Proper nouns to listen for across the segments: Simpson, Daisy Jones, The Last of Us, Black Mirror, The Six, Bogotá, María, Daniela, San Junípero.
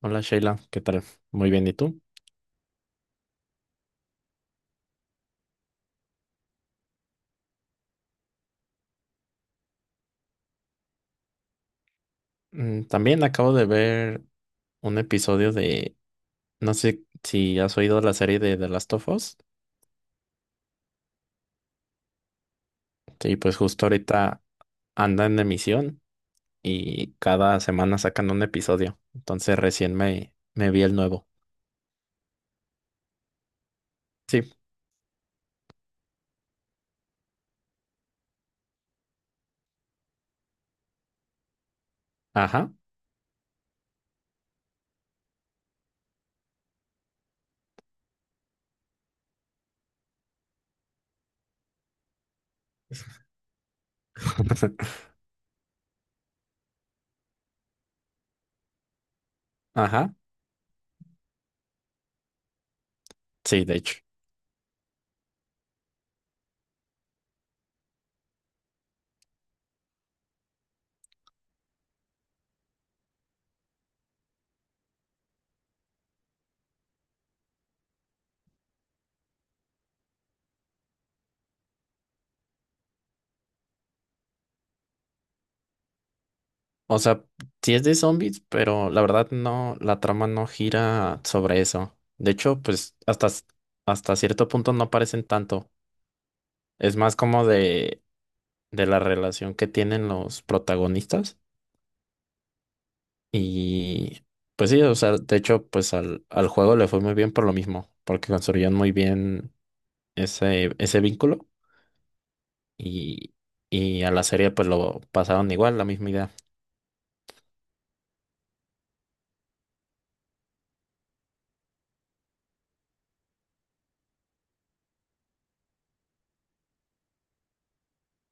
Hola Sheila, ¿qué tal? Muy bien, ¿y tú? Mm, también acabo de ver un episodio no sé si has oído la serie de The Last of Us. Sí, pues justo ahorita anda en emisión y cada semana sacan un episodio. Entonces recién me vi el nuevo. Sí, ajá. Ajá, sí, de hecho. O sea, sí es de zombies, pero la verdad no, la trama no gira sobre eso. De hecho, hasta cierto punto no aparecen tanto. Es más como de la relación que tienen los protagonistas. Y pues sí, o sea, de hecho, pues al juego le fue muy bien por lo mismo, porque construyeron muy bien ese vínculo y, y a la serie pues lo pasaron igual, la misma idea.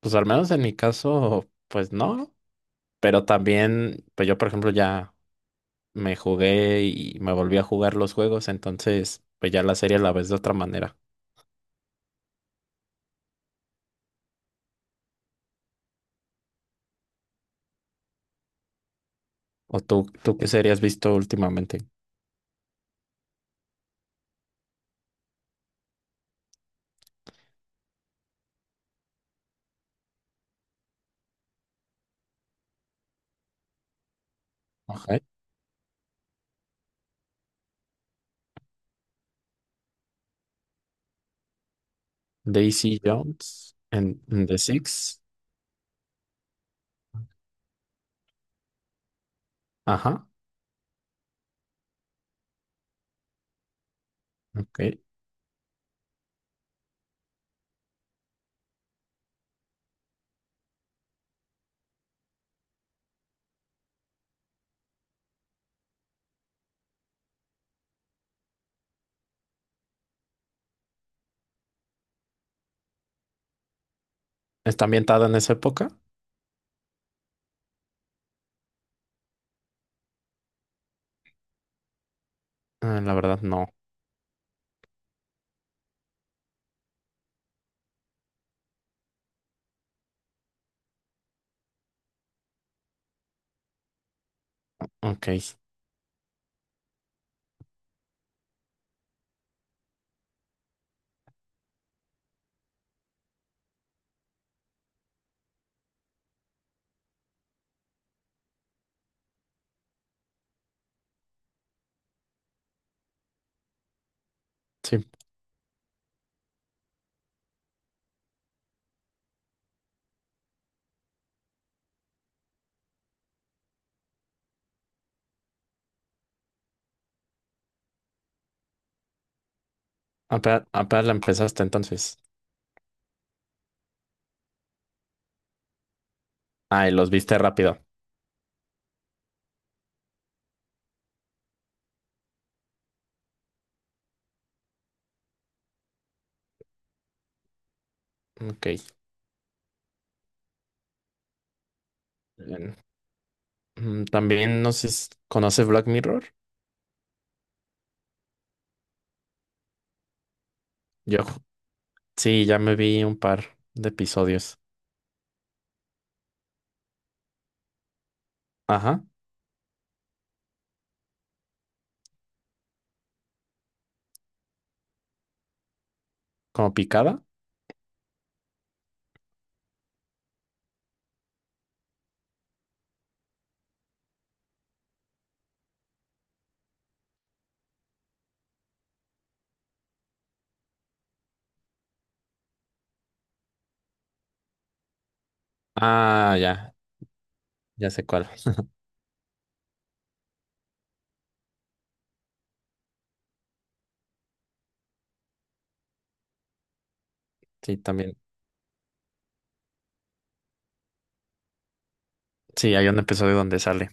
Pues al menos en mi caso, pues no, pero también, pues yo por ejemplo ya me jugué y me volví a jugar los juegos, entonces pues ya la serie la ves de otra manera. ¿O tú qué serie has visto últimamente? Ajá. Daisy Jones en The Six. Ajá, ok. ¿Está ambientada en esa época? Ah, la verdad, no. Ok, sí. Apenas, apenas la empezaste entonces. Ah, y los viste rápido. Ok, bien. Mm, también no sé, ¿conoces Black Mirror? Yo ju- sí, ya me vi un par de episodios. Ajá, como picada. Ah, ya, ya sé cuál. Sí, también. Sí, hay un episodio donde sale.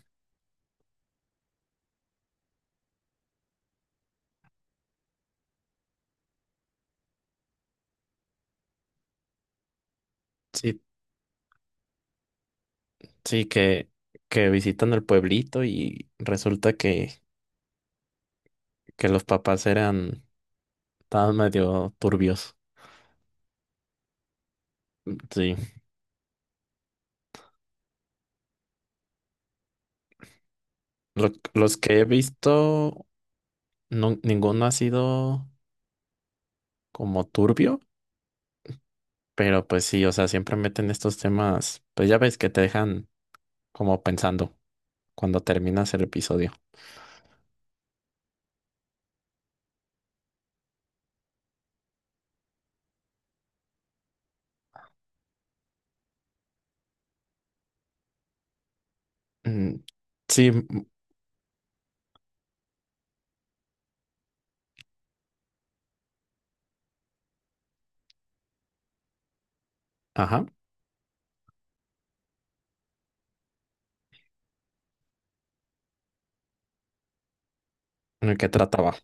Sí, sí, que visitan el pueblito y resulta que los papás estaban medio turbios. Sí. Los que he visto, no, ninguno ha sido como turbio, pero pues sí, o sea, siempre meten estos temas, pues ya ves que te dejan como pensando cuando terminas el episodio. Mm, sí, mm, ajá, en el que trataba.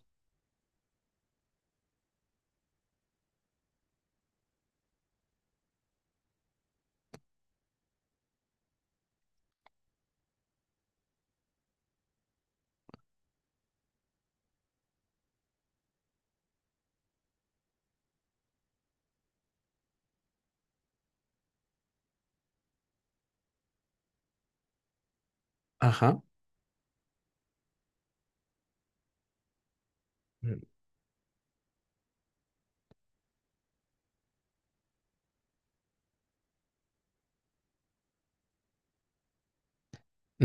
Ajá. Mm.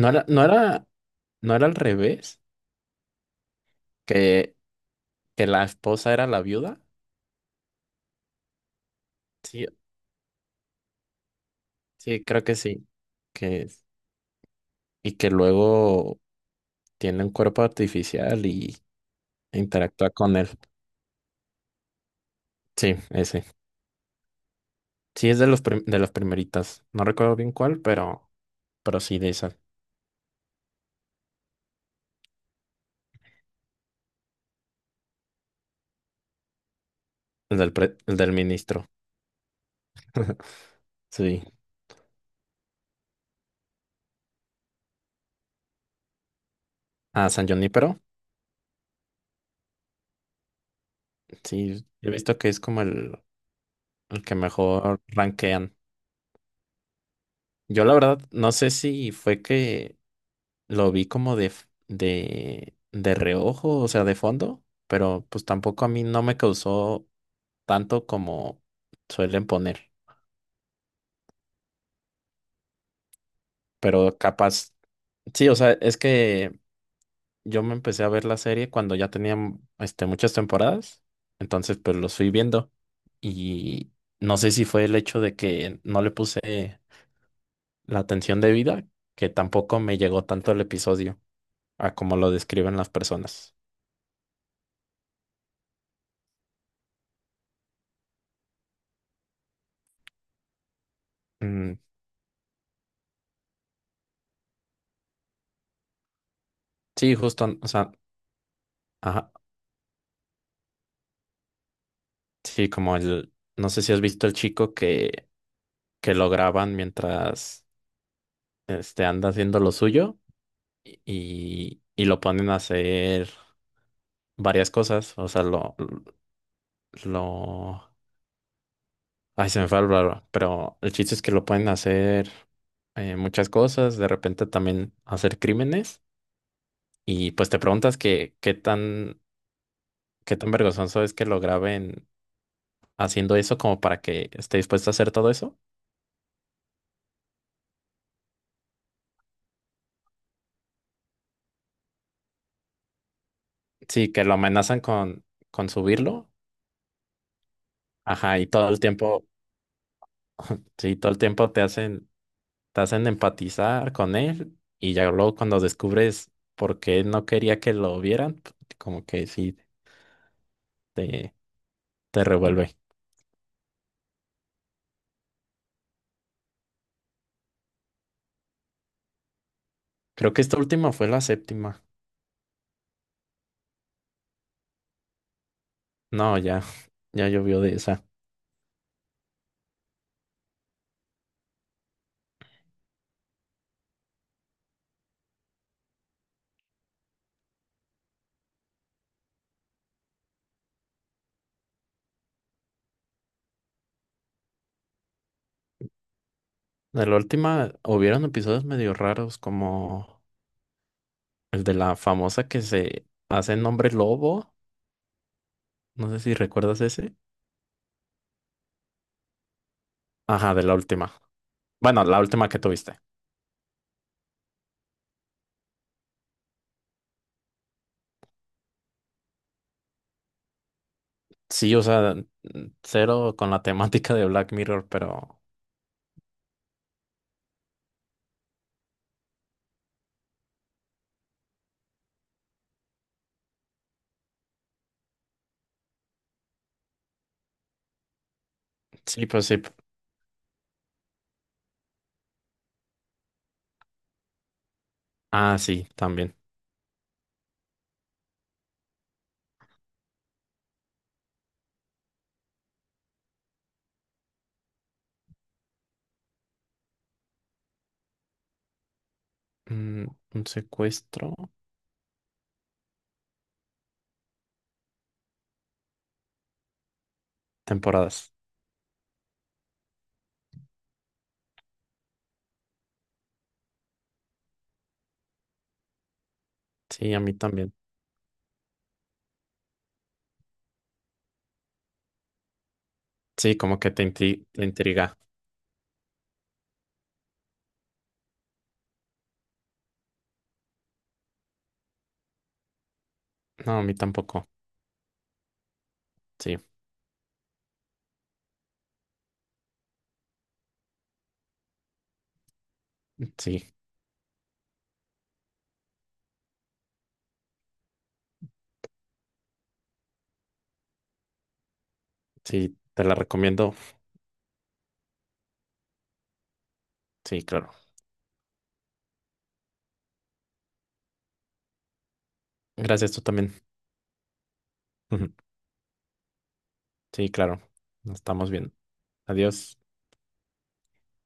No era, no era, no era al revés, que, que la esposa era la viuda. Sí, sí, creo que sí. Que, y que luego tiene un cuerpo artificial y interactúa con él. Sí, ese. Sí, es de los de las primeritas. No recuerdo bien cuál, pero sí de esa. El del el del ministro. Sí. Ah, San Junípero. Sí, he visto que es como el que mejor rankean. Yo la verdad no sé si fue que lo vi como de reojo, o sea, de fondo, pero pues tampoco a mí no me causó tanto como suelen poner, pero capaz. Sí, o sea, es que yo me empecé a ver la serie cuando ya tenían este, muchas temporadas, entonces pues los fui viendo y no sé si fue el hecho de que no le puse la atención debida, que tampoco me llegó tanto el episodio a como lo describen las personas. Mm, sí, justo, o sea, ajá, sí, como el, no sé si has visto el chico que lo graban mientras este, anda haciendo lo suyo y lo ponen a hacer varias cosas, lo, ay, se me fue el raro, pero el chiste es que lo pueden hacer muchas cosas, de repente también hacer crímenes, y pues te preguntas qué tan vergonzoso es que lo graben haciendo eso como para que esté dispuesto a hacer todo eso. Sí, que lo amenazan con subirlo, ajá, y todo el tiempo, sí, todo el tiempo te hacen empatizar con él y ya luego cuando descubres por qué no quería que lo vieran, como que sí te, te revuelve. Creo que esta última fue la 7.ª. No, ya, ya llovió de esa. De la última hubieron episodios medio raros, como el de la famosa que se hace nombre lobo. No sé si recuerdas ese. Ajá, de la última. Bueno, la última que tuviste. Sí, o sea, mm, cero con la temática de Black Mirror, pero sí, pues sí. Ah, sí, también. Mm, un secuestro. Temporadas. Sí, a mí también. Sí, como que te intriga. No, a mí tampoco. Sí, sí, sí, te la recomiendo. Sí, claro. Gracias, tú también. Sí, claro. Nos estamos bien. Adiós.